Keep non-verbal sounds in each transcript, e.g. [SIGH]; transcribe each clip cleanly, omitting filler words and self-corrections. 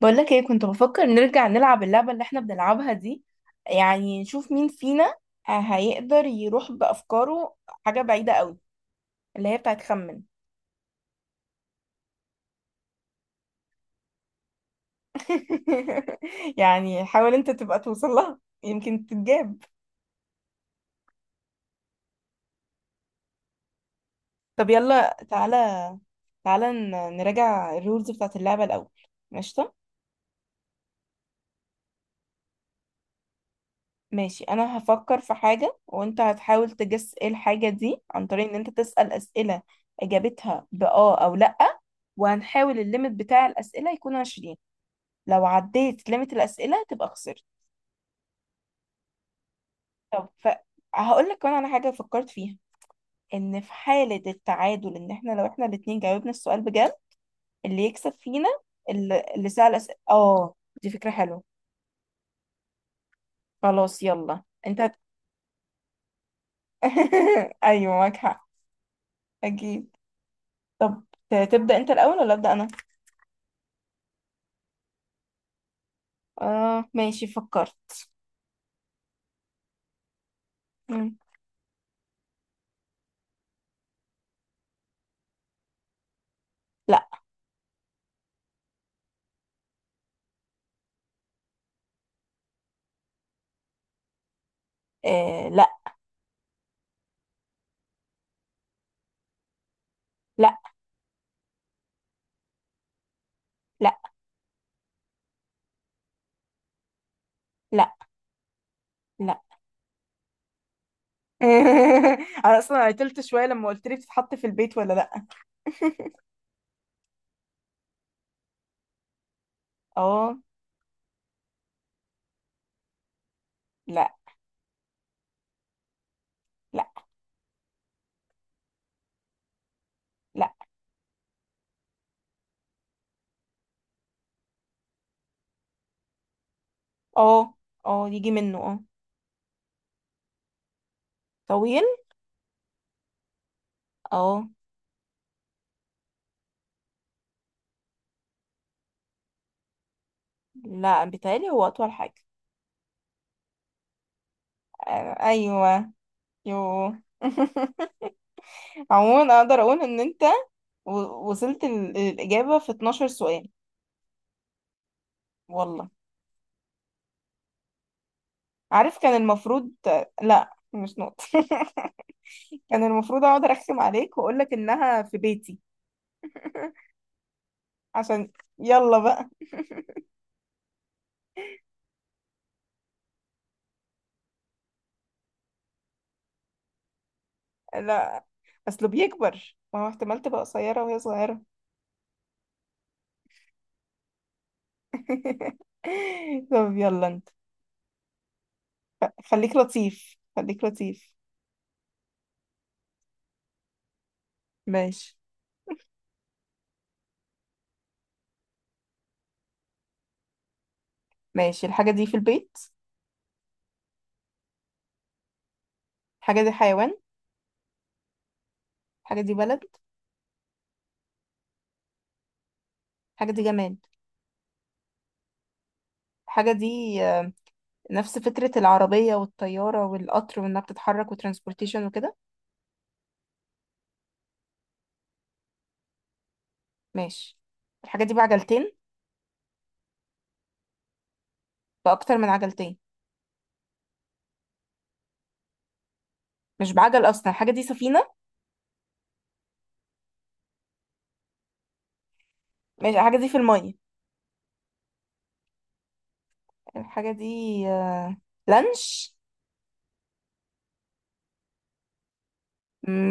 بقولك ايه، كنت بفكر نرجع نلعب اللعبة اللي احنا بنلعبها دي، يعني نشوف مين فينا هيقدر يروح بأفكاره حاجة بعيدة قوي، اللي هي بتاعت خمن. [LAUGHS] يعني حاول انت تبقى توصل لها، يمكن تتجاب. طب يلا تعالى، تعالى نراجع الرولز بتاعت اللعبة الأول. ماشي، ماشي، انا هفكر في حاجة وانت هتحاول تجس ايه الحاجة دي عن طريق ان انت تسأل اسئلة اجابتها بآه او لأ، وهنحاول الليمت بتاع الاسئلة يكون 20. لو عديت ليميت الاسئلة تبقى خسرت. طب ف... هقول لك كمان على حاجة فكرت فيها، ان في حالة التعادل ان احنا لو احنا الاتنين جاوبنا السؤال بجد اللي يكسب فينا اللي سأل اسئلة، اه دي فكرة حلوة. خلاص يلا انت هت... [LAUGHS] ايوه معاك حق، اكيد. طب تبدأ انت الاول ولا أبدأ انا؟ اه ماشي، فكرت. مم. لا. آه لا لا لا لا لا. [LAUGHS] انا اصلا عطلت شويه لما قلت لي بتتحط في البيت ولا لا. [LAUGHS] اه لا. لا. لا. اه، اه يجي منه اه. طويل، اه. لا بيتهيألي هو اطول حاجه. آه ايوه! يو! [LAUGHS] عموما اقدر اقول ان انت وصلت الاجابه في 12 سؤال. والله عارف كان المفروض. لا مش نقطه. [LAUGHS] كان المفروض اقعد ارخم عليك واقول لك انها في بيتي، عشان يلا بقى. لا اصله بيكبر، ما هو احتمال تبقى قصيره وهي صغيره. [LAUGHS] طب يلا انت، خليك لطيف خليك لطيف. ماشي. ماشي الحاجه دي في البيت. الحاجه دي حيوان. الحاجه دي بلد. الحاجه دي جماد. الحاجه دي نفس فكره العربيه والطياره والقطر، وانها بتتحرك وترانسبورتيشن وكده. ماشي الحاجه دي بعجلتين. باكتر من عجلتين. مش بعجل اصلا الحاجه دي سفينه. ماشي الحاجة دي في المية. الحاجة دي آه، لانش.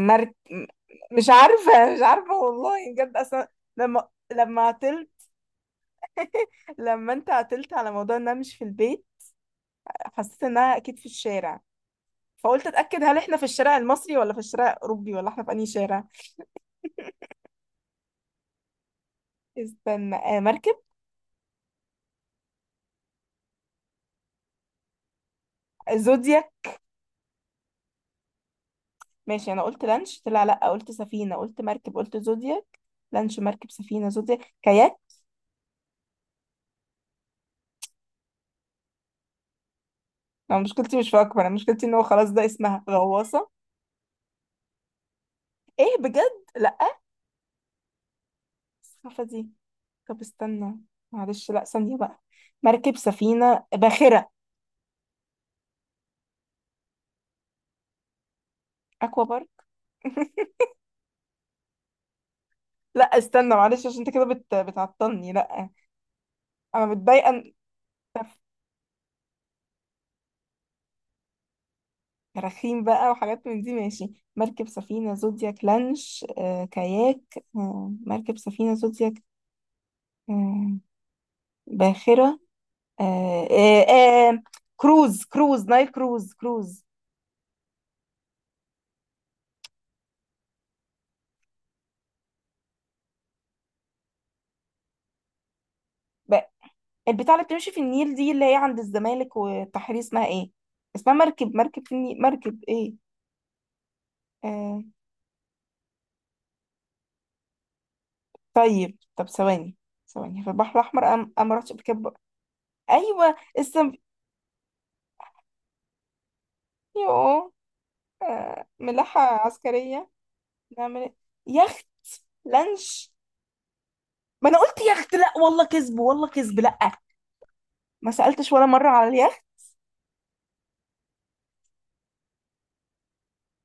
مرك... م- مش عارفة، مش عارفة والله بجد أصلا. لما عتلت، لما أنت عتلت على موضوع إنها مش في البيت، حسيت إنها أكيد في الشارع، فقلت أتأكد هل إحنا في الشارع المصري ولا في الشارع الأوروبي ولا إحنا في أنهي شارع. استنى، آه مركب. زودياك. ماشي، أنا قلت لانش طلع لأ، قلت سفينة، قلت مركب، قلت زودياك. لانش، مركب، سفينة، زودياك، كاياك. ما مشكلتي مش في أكبر، أنا مشكلتي إن هو خلاص ده اسمها غواصة. ايه بجد؟ لا. السفافة دي. طب استنى، معلش، لا ثانية بقى. مركب، سفينة، باخرة. اكوا بارك. [LAUGHS] لا استنى معلش، عشان انت كده بتعطلني. لا انا متضايقة إن- طب كراخيم بقى وحاجات من دي. ماشي، مركب، سفينة، زودياك، لانش، كاياك، مركب، سفينة، زودياك، آه، باخرة، آه، آه، آه، كروز، كروز، نايل كروز، كروز. البتاع اللي بتمشي في النيل دي اللي هي عند الزمالك والتحرير اسمها ايه؟ اسمها مركب، مركب في النيل، مركب ايه؟ آه. طيب طب ثواني، ثواني. في البحر الاحمر أم رحتش قبل كده بقى. ايوه السم. يوه. آه. ملاحه عسكريه. نعمل ايه؟ يخت. لانش. ما انا قلت يخت، لا والله كذب، والله كذب، لا. ما سالتش ولا مره على اليخت.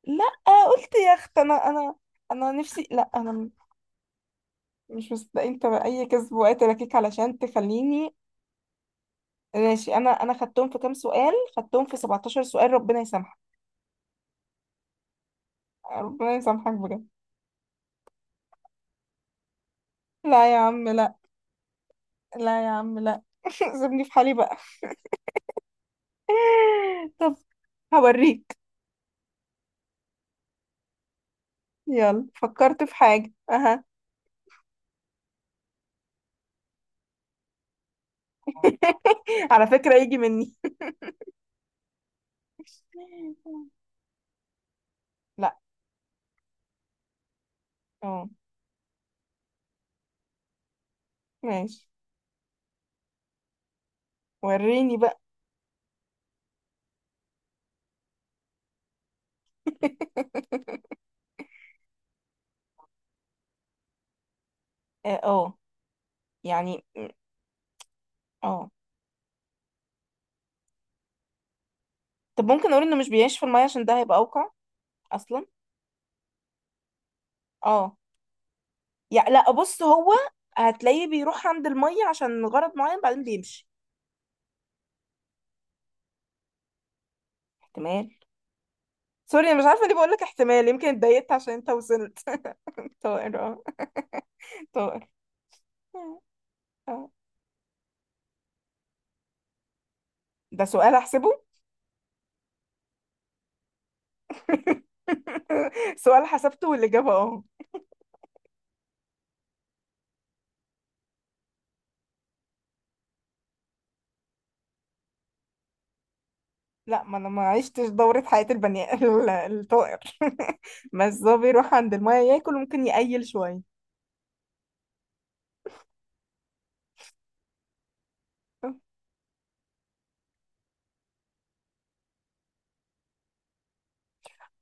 لا قلت يخت انا، انا. انا نفسي لا انا مش مصدقين، انت اي كذب وقت لكيك علشان تخليني. ماشي انا خدتهم في كام سؤال، خدتهم في 17 سؤال، ربنا يسامحك. ربنا يسامحك بجد. لا يا عم لا، لا يا عم لا. [LAUGHS] سيبني في حالي بقى. [LAUGHS] طب هوريك. يلا فكرت في حاجة، اها. [LAUGHS] على فكرة يجي مني. [LAUGHS] لا. اه ماشي، وريني بقى. [LAUGHS] اه، يعني م- اه. طب ممكن اقول انه مش بيعيش في المية، عشان ده هيبقى اوقع اصلا. اه يعني، لا بص هو هتلاقيه بيروح عند المية عشان غرض معين، بعدين بيمشي. احتمال. سوري انا مش عارفة ليه بقول لك احتمال، يمكن اتضايقت عشان انت وصلت. [LAUGHS] طائر، اه. طائر، آه، آه. ده سؤال احسبه. [LAUGHS] سؤال حسبته والاجابة اه. لا ما انا ما عشتش دورة حياة الطائر. [LAUGHS] بس هو بيروح عند المية ياكل، وممكن يقيل شوية.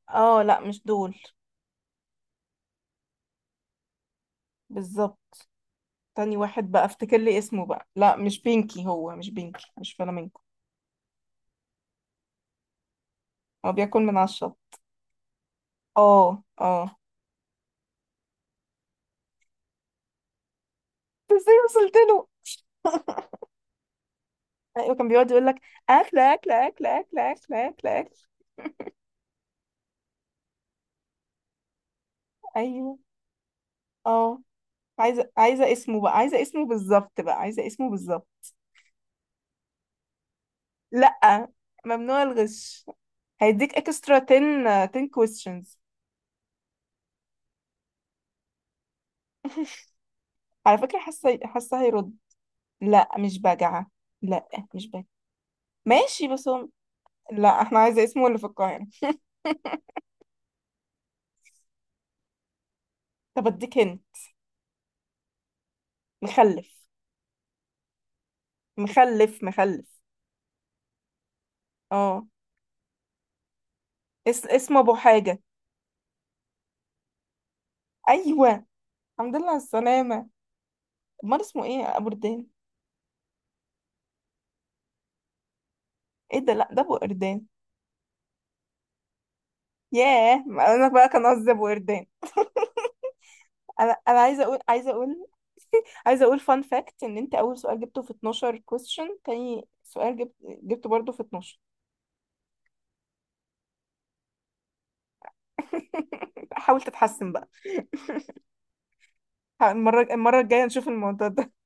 اه لا مش دول. بالظبط. تاني واحد بقى افتكر لي اسمه بقى. لا مش بينكي، هو مش بينكي، مش فلامينكو. هو بياكل من على الشط. اه، اه. بس ازاي وصلت له؟ ايوه كان بيقعد يقول لك اكله اكله اكله اكله اكله اكله اكل. ايوه. اه. عايزه اسمه بقى، عايزه اسمه بالظبط بقى، عايزه اسمه بالظبط. لا ممنوع الغش، هيديك اكسترا 10 questions. [LAUGHS] على فكره حاسه هيرد. لا مش بجعه. لا مش بجعه. ماشي بس هو، لا احنا عايزه اسمه اللي في القاهره. طب اديك هنا. مخلف. مخلف، مخلف. اه. اسمه ابو حاجه. ايوه. الحمد لله على السلامه. امال اسمه ايه؟ ابو ردان. ايه ده؟ لا ده ابو قردان. ياه، ما انا بقى كان قصدي ابو قردان. انا عايزه اقول، عايزه اقول. [LAUGHS] عايزه اقول فان فاكت ان انت اول سؤال جبته في 12 كويستشن، تاني سؤال جبت جبته برضه في 12. [LAUGHS] حاول تتحسن بقى. المره، المره الجايه نشوف الموضوع ده.